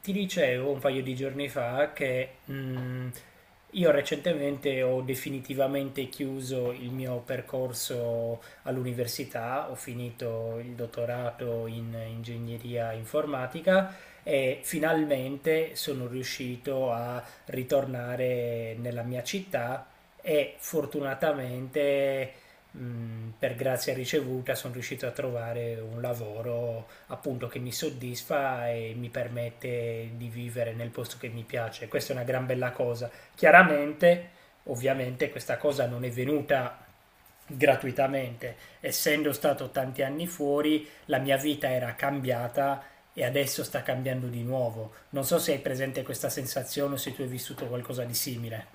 Ti dicevo un paio di giorni fa che io recentemente ho definitivamente chiuso il mio percorso all'università, ho finito il dottorato in ingegneria informatica e finalmente sono riuscito a ritornare nella mia città e fortunatamente, per grazia ricevuta sono riuscito a trovare un lavoro appunto che mi soddisfa e mi permette di vivere nel posto che mi piace. Questa è una gran bella cosa. Chiaramente, ovviamente, questa cosa non è venuta gratuitamente. Essendo stato tanti anni fuori, la mia vita era cambiata e adesso sta cambiando di nuovo. Non so se hai presente questa sensazione o se tu hai vissuto qualcosa di simile.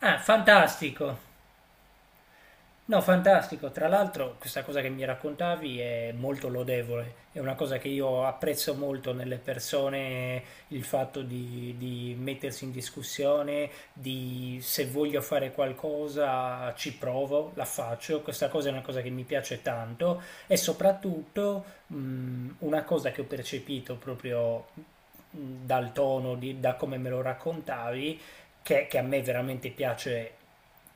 Ah, fantastico! No, fantastico. Tra l'altro, questa cosa che mi raccontavi è molto lodevole. È una cosa che io apprezzo molto nelle persone, il fatto di mettersi in discussione, di se voglio fare qualcosa ci provo, la faccio. Questa cosa è una cosa che mi piace tanto e soprattutto una cosa che ho percepito proprio, mh, dal tono, da come me lo raccontavi, che a me veramente piace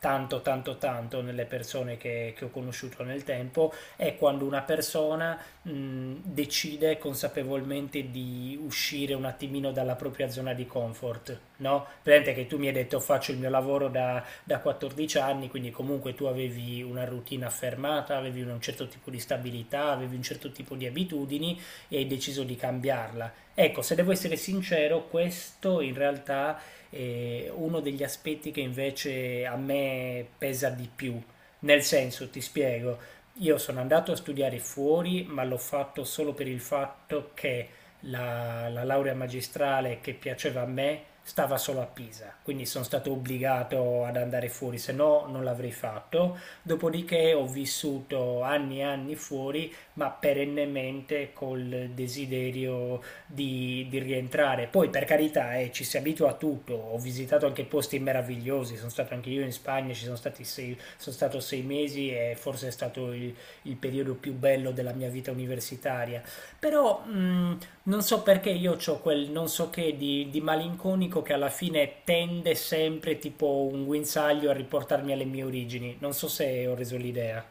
tanto tanto tanto nelle persone che ho conosciuto nel tempo, è quando una persona decide consapevolmente di uscire un attimino dalla propria zona di comfort, no? Presente che tu mi hai detto faccio il mio lavoro da 14 anni, quindi comunque tu avevi una routine affermata, avevi un certo tipo di stabilità, avevi un certo tipo di abitudini e hai deciso di cambiarla. Ecco, se devo essere sincero, questo in realtà uno degli aspetti che invece a me pesa di più. Nel senso, ti spiego, io sono andato a studiare fuori, ma l'ho fatto solo per il fatto che la laurea magistrale che piaceva a me stava solo a Pisa, quindi sono stato obbligato ad andare fuori, se no non l'avrei fatto. Dopodiché ho vissuto anni e anni fuori, ma perennemente col desiderio di rientrare. Poi per carità, ci si abitua a tutto, ho visitato anche posti meravigliosi, sono stato anche io in Spagna, ci sono, stati sei, sono stato sei mesi e forse è stato il periodo più bello della mia vita universitaria. Però, non so perché io ho quel non so che di malinconico che alla fine tende sempre tipo un guinzaglio a riportarmi alle mie origini, non so se ho reso l'idea.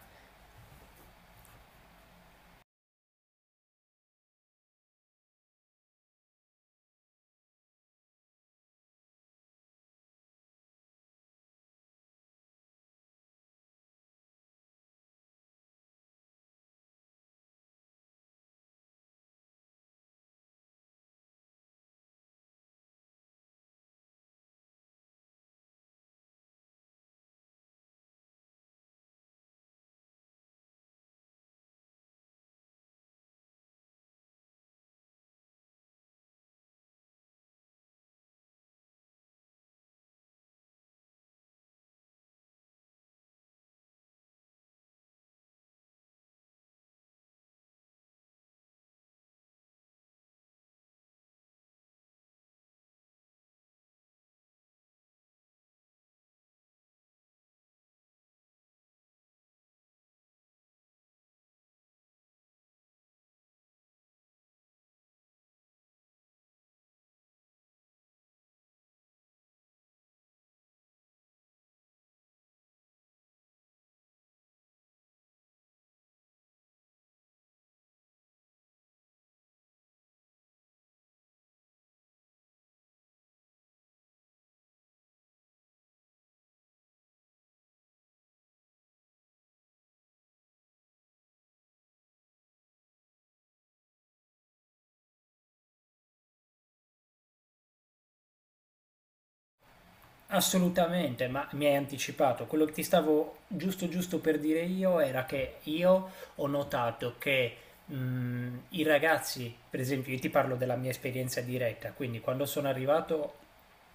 Assolutamente, ma mi hai anticipato. Quello che ti stavo giusto giusto per dire io era che io ho notato che, i ragazzi, per esempio, io ti parlo della mia esperienza diretta, quindi quando sono arrivato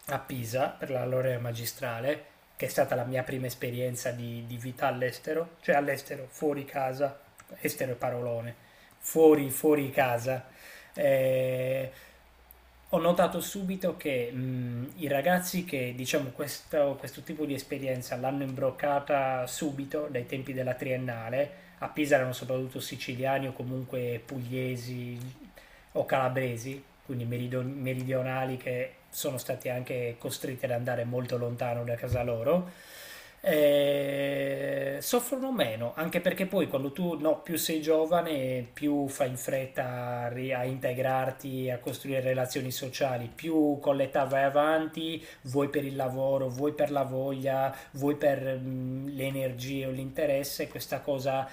a Pisa per la laurea magistrale, che è stata la mia prima esperienza di vita all'estero, cioè all'estero, fuori casa, estero è parolone, fuori casa. eh, Ho notato subito che, i ragazzi che diciamo questo, questo tipo di esperienza l'hanno imbroccata subito dai tempi della triennale a Pisa erano soprattutto siciliani o comunque pugliesi o calabresi, quindi meridionali che sono stati anche costretti ad andare molto lontano da casa loro. Soffrono meno, anche perché poi quando tu, no, più sei giovane, più fai in fretta a, a integrarti, a costruire relazioni sociali, più con l'età vai avanti, vuoi per il lavoro, vuoi per la voglia, vuoi per, le energie o l'interesse, questa cosa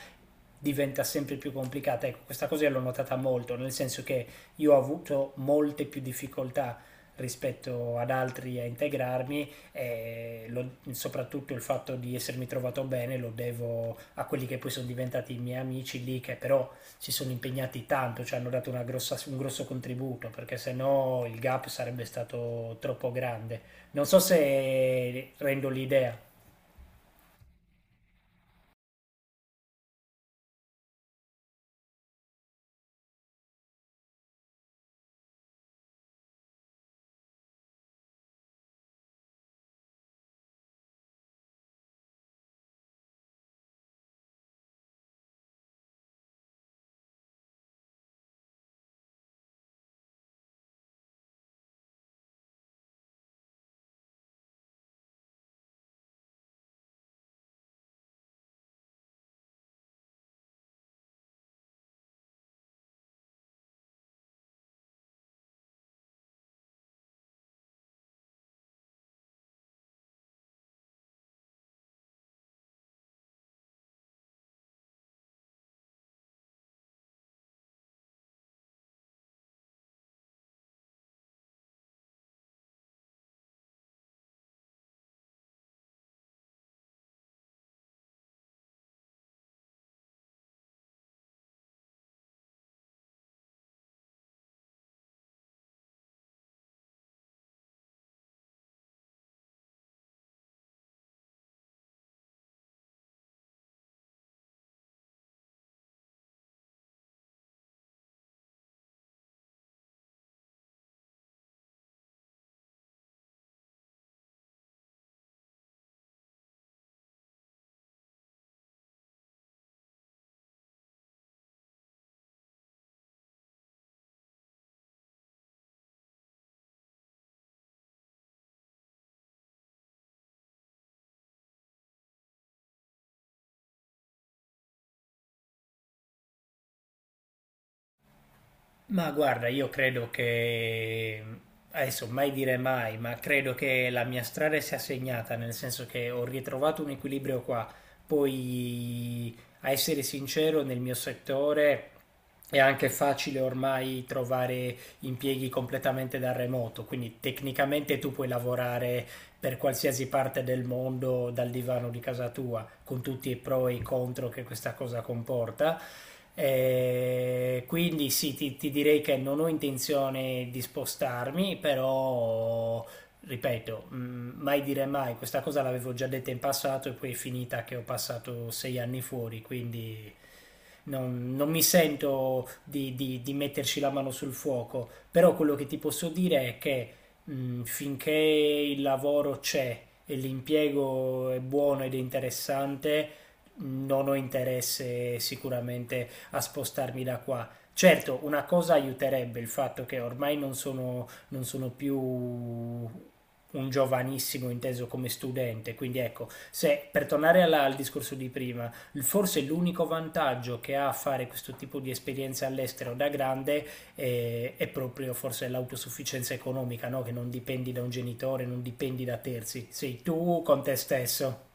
diventa sempre più complicata. Ecco, questa cosa io l'ho notata molto, nel senso che io ho avuto molte più difficoltà rispetto ad altri a integrarmi, e soprattutto il fatto di essermi trovato bene lo devo a quelli che poi sono diventati i miei amici lì, che però si sono impegnati tanto, ci hanno dato un grosso contributo, perché se no il gap sarebbe stato troppo grande. Non so se rendo l'idea. Ma guarda, io credo che, adesso mai dire mai, ma credo che la mia strada sia segnata, nel senso che ho ritrovato un equilibrio qua. Poi, a essere sincero, nel mio settore è anche facile ormai trovare impieghi completamente da remoto, quindi tecnicamente tu puoi lavorare per qualsiasi parte del mondo dal divano di casa tua, con tutti i pro e i contro che questa cosa comporta. Quindi sì, ti direi che non ho intenzione di spostarmi, però ripeto, mai dire mai, questa cosa l'avevo già detta in passato e poi è finita che ho passato sei anni fuori, quindi non mi sento di metterci la mano sul fuoco, però quello che ti posso dire è che, finché il lavoro c'è e l'impiego è buono ed è interessante, non ho interesse sicuramente a spostarmi da qua. Certo, una cosa aiuterebbe il fatto che ormai non sono più un giovanissimo inteso come studente, quindi ecco, se per tornare al discorso di prima, forse l'unico vantaggio che ha a fare questo tipo di esperienza all'estero da grande, è proprio forse l'autosufficienza economica, no? Che non dipendi da un genitore, non dipendi da terzi, sei tu con te stesso.